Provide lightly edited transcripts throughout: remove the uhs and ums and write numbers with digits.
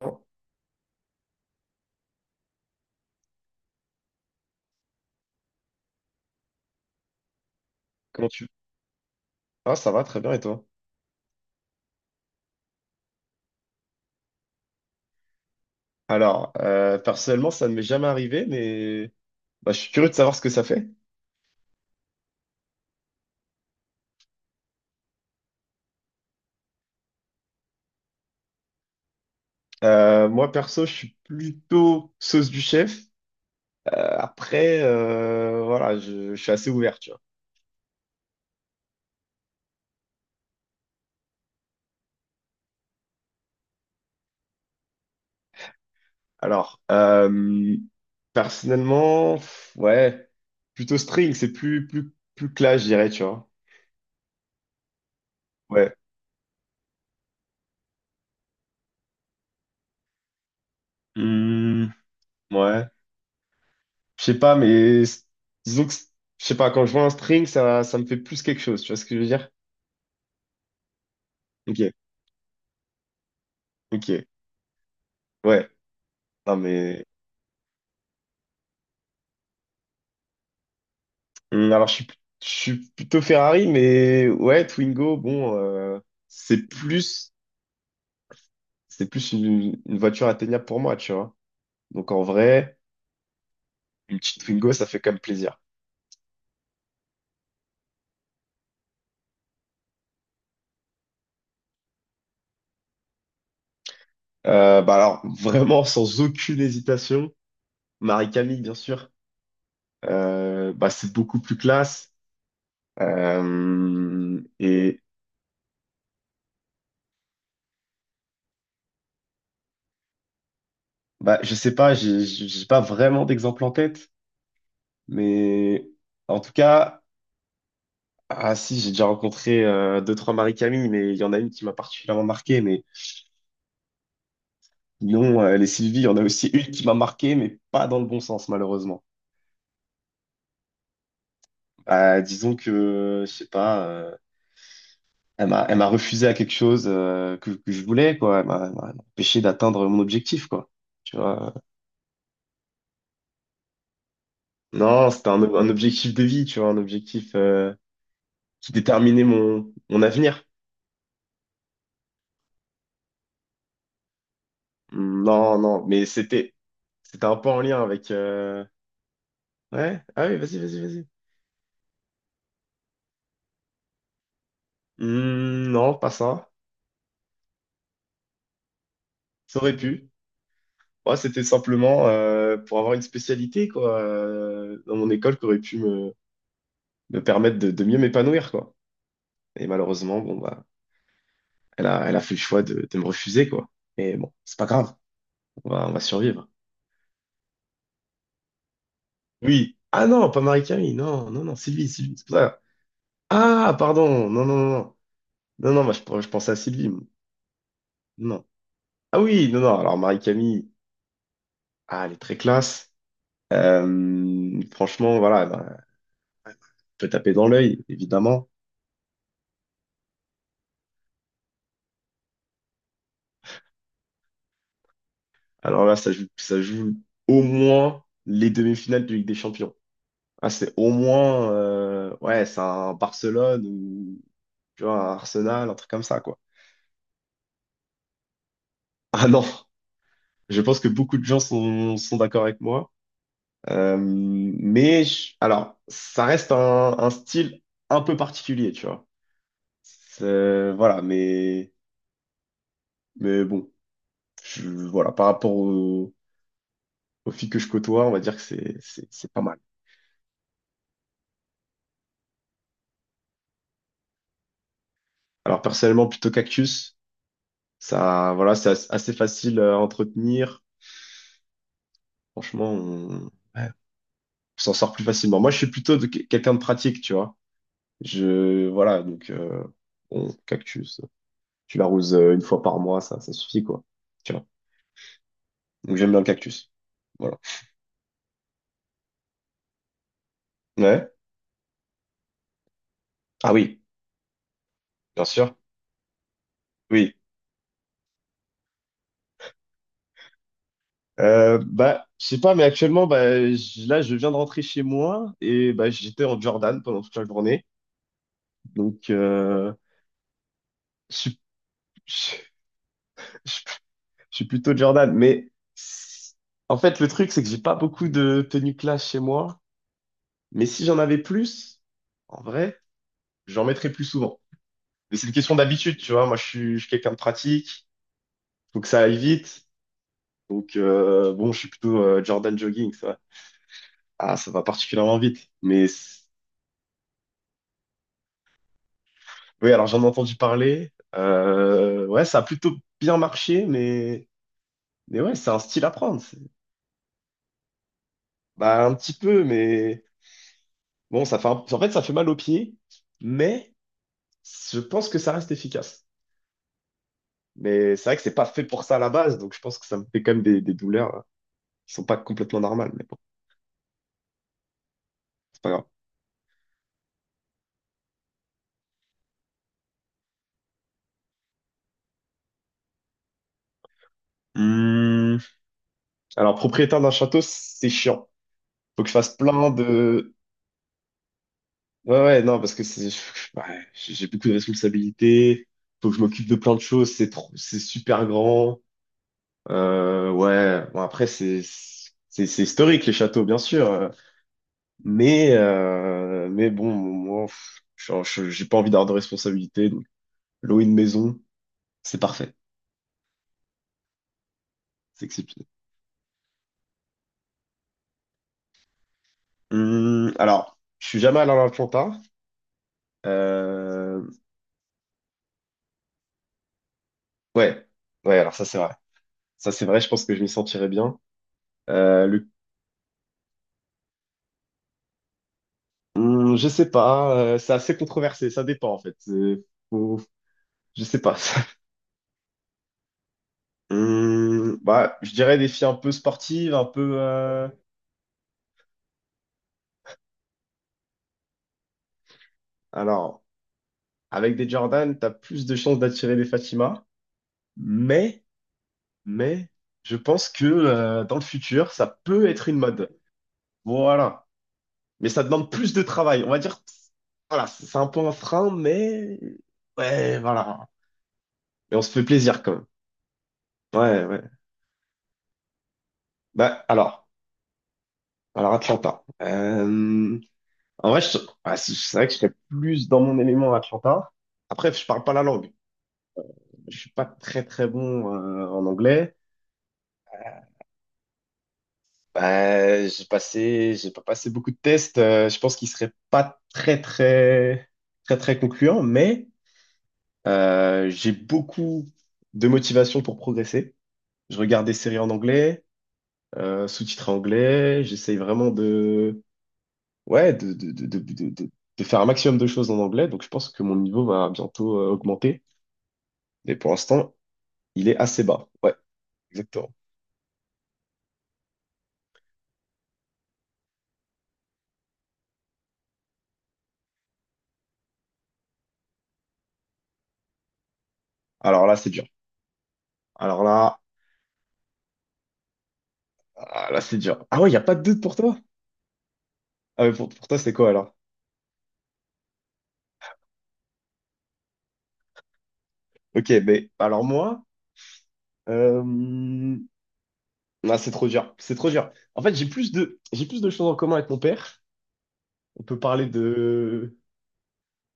Oh, Comment tu... Ah, ça va, très bien, et toi? Alors, personnellement, ça ne m'est jamais arrivé, mais bah, je suis curieux de savoir ce que ça fait. Moi, perso, je suis plutôt sauce du chef. Après, voilà, je suis assez ouvert, tu vois. Alors, personnellement, ouais, plutôt string, c'est plus clash, je dirais, tu vois. Ouais. Hmm, ouais. Je sais pas, mais disons que, je sais pas, quand je vois un string, ça me fait plus quelque chose, tu vois ce que je veux dire? Ok, ok. Ouais, non mais alors je suis plutôt Ferrari, mais ouais, Twingo, bon, c'est plus, c'est plus une voiture atteignable pour moi, tu vois. Donc en vrai, une petite Twingo, ça fait quand même plaisir. Bah alors vraiment sans aucune hésitation, Marie-Camille, bien sûr, bah c'est beaucoup plus classe. Et bah je sais pas, j'ai pas vraiment d'exemple en tête, mais en tout cas. Ah si, j'ai déjà rencontré deux, trois Marie-Camille, mais il y en a une qui m'a particulièrement marqué. Mais non, les Sylvie, il y en a aussi une qui m'a marqué, mais pas dans le bon sens, malheureusement. Disons que, je sais pas, elle m'a refusé à quelque chose que je voulais, quoi. Elle m'a empêché d'atteindre mon objectif, quoi. Tu vois. Non, c'était un objectif de vie, tu vois, un objectif qui déterminait mon avenir. Non, non, mais c'était un peu en lien avec... Ouais, ah oui, vas-y, vas-y, vas-y. Hmm, non, pas ça. Ça aurait pu. Moi, c'était simplement pour avoir une spécialité quoi, dans mon école qui aurait pu me permettre de mieux m'épanouir, quoi. Et malheureusement, bon, bah, elle a fait le choix de me refuser, quoi. Mais bon, c'est pas grave. On va survivre. Oui. Ah non, pas Marie-Camille. Non, non, non, Sylvie, Sylvie, c'est pour ça. Ah, pardon. Non, non, non, non. Non, non, bah, je pensais à Sylvie, moi. Non. Ah oui, non, non. Alors, Marie-Camille, ah, elle est très classe. Franchement, voilà, peut taper dans l'œil, évidemment. Alors là, ça joue au moins les demi-finales de Ligue des Champions. Ah, c'est au moins, ouais, c'est un Barcelone ou tu vois, un Arsenal, un truc comme ça, quoi. Ah non, je pense que beaucoup de gens sont d'accord avec moi. Mais alors, ça reste un style un peu particulier, tu vois. Voilà, mais bon, voilà, par rapport aux filles que je côtoie, on va dire que c'est pas mal. Alors personnellement, plutôt cactus. Ça, voilà, c'est assez facile à entretenir. Franchement, ouais, on s'en sort plus facilement. Moi, je suis plutôt quelqu'un de pratique, tu vois. Voilà, donc bon, cactus. Tu l'arroses une fois par mois, ça suffit quoi. Tu vois. Donc j'aime bien le cactus. Voilà. Ouais. Ah oui, bien sûr. Oui. Bah, je sais pas, mais actuellement, bah, là, je viens de rentrer chez moi et bah, j'étais en Jordan pendant toute la journée. Donc, je je- je suis plutôt Jordan, mais en fait, le truc, c'est que j'ai pas beaucoup de tenues classe chez moi. Mais si j'en avais plus, en vrai, j'en mettrais plus souvent. Mais c'est une question d'habitude, tu vois. Moi, je suis quelqu'un de pratique. Faut que ça aille vite. Donc, bon, je suis plutôt Jordan jogging, ça. Ah, ça va particulièrement vite. Mais oui, alors j'en ai entendu parler. Ouais, ça a plutôt bien marché, mais ouais, c'est un style à prendre. Bah, un petit peu, mais bon, ça fait en fait, ça fait mal aux pieds, mais je pense que ça reste efficace. Mais c'est vrai que c'est pas fait pour ça à la base, donc je pense que ça me fait quand même des douleurs qui sont pas complètement normales, mais bon, c'est pas grave. Hum, Alors, propriétaire d'un château, c'est chiant. Faut que je fasse plein de... Ouais, ouais, non, parce que c'est... ouais, j'ai beaucoup de responsabilités. Faut que je m'occupe de plein de choses. C'est trop... c'est super grand. Ouais, bon, après, c'est... C'est historique, les châteaux, bien sûr. Mais bon, moi, j'ai pas envie d'avoir de responsabilités. Louer une maison, c'est parfait. C'est exceptionnel. Alors, je suis jamais allé à l'Atlanta. Euh, ouais, ouais, alors ça c'est vrai. Ça c'est vrai, je pense que je m'y sentirais bien. Euh, le... je sais pas, c'est assez controversé, ça dépend en fait. Faut- Je sais pas. Bah, je dirais des filles un peu sportives, un peu... Alors, avec des Jordan, t'as plus de chances d'attirer des Fatima, mais, mais, je pense que dans le futur, ça peut être une mode. Voilà. Mais ça demande plus de travail. On va dire, voilà, c'est un peu un frein, mais ouais, voilà. Mais on se fait plaisir quand même. Ouais, ouais. Bah, alors Atlanta. En vrai, ouais, c'est vrai que je serais plus dans mon élément à Atlanta. Après, je parle pas la langue. Je suis pas très très bon en anglais. Bah, j'ai pas passé beaucoup de tests. Je pense qu'ils seraient pas très très très très concluants, mais j'ai beaucoup de motivation pour progresser. Je regarde des séries en anglais, sous-titrées anglais. J'essaye vraiment ouais, de faire un maximum de choses en anglais. Donc, je pense que mon niveau va bientôt augmenter. Mais pour l'instant, il est assez bas. Ouais, exactement. Alors là, c'est dur. Alors là, ah, là, c'est dur. Ah ouais, il n'y a pas de doute pour toi? Ah, mais pour toi, c'est quoi alors? Ok, mais alors moi, euh... ah, c'est trop dur. C'est trop dur. En fait, j'ai plus de choses en commun avec mon père. On peut parler de...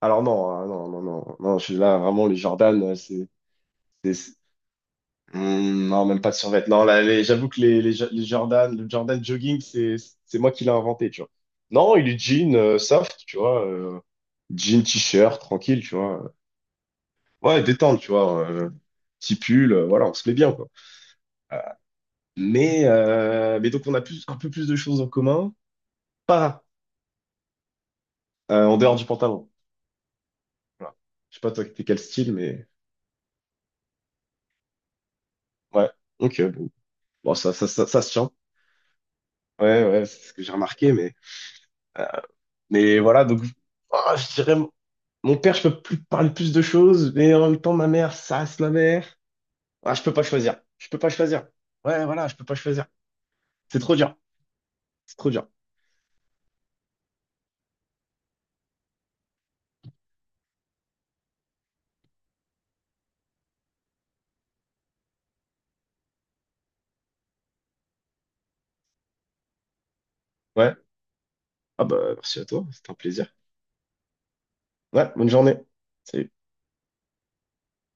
Alors non, hein, non, non, non, non, je suis là, vraiment, les Jordan, c'est... c'est- c'est- Hmm, non, même pas de survêt. Non, là, j'avoue que les Jordan, le Jordan jogging, c'est moi qui l'ai inventé, tu vois. Non, il est jean soft, tu vois. Jean, t-shirt, tranquille, tu vois. Ouais, détente, tu vois. Petit pull, voilà, on se met bien, quoi. Mais donc, on a plus, un peu plus de choses en commun, pas en dehors du pantalon. Voilà. Je sais pas, toi, t'es quel style, mais... Ouais, ok, Bon, ça se tient. Ouais, ouais, c'est ce que j'ai remarqué, euh, mais voilà, donc ah, je dirais, mon père, je peux plus parler plus de choses, mais en même temps, ma mère, ça reste ma mère. Ah, je peux pas choisir. Je peux pas choisir. Ouais, voilà, je peux pas choisir. C'est trop dur. C'est trop dur. Ouais. Ah bah, merci à toi, c'était un plaisir. Ouais, bonne journée. Salut.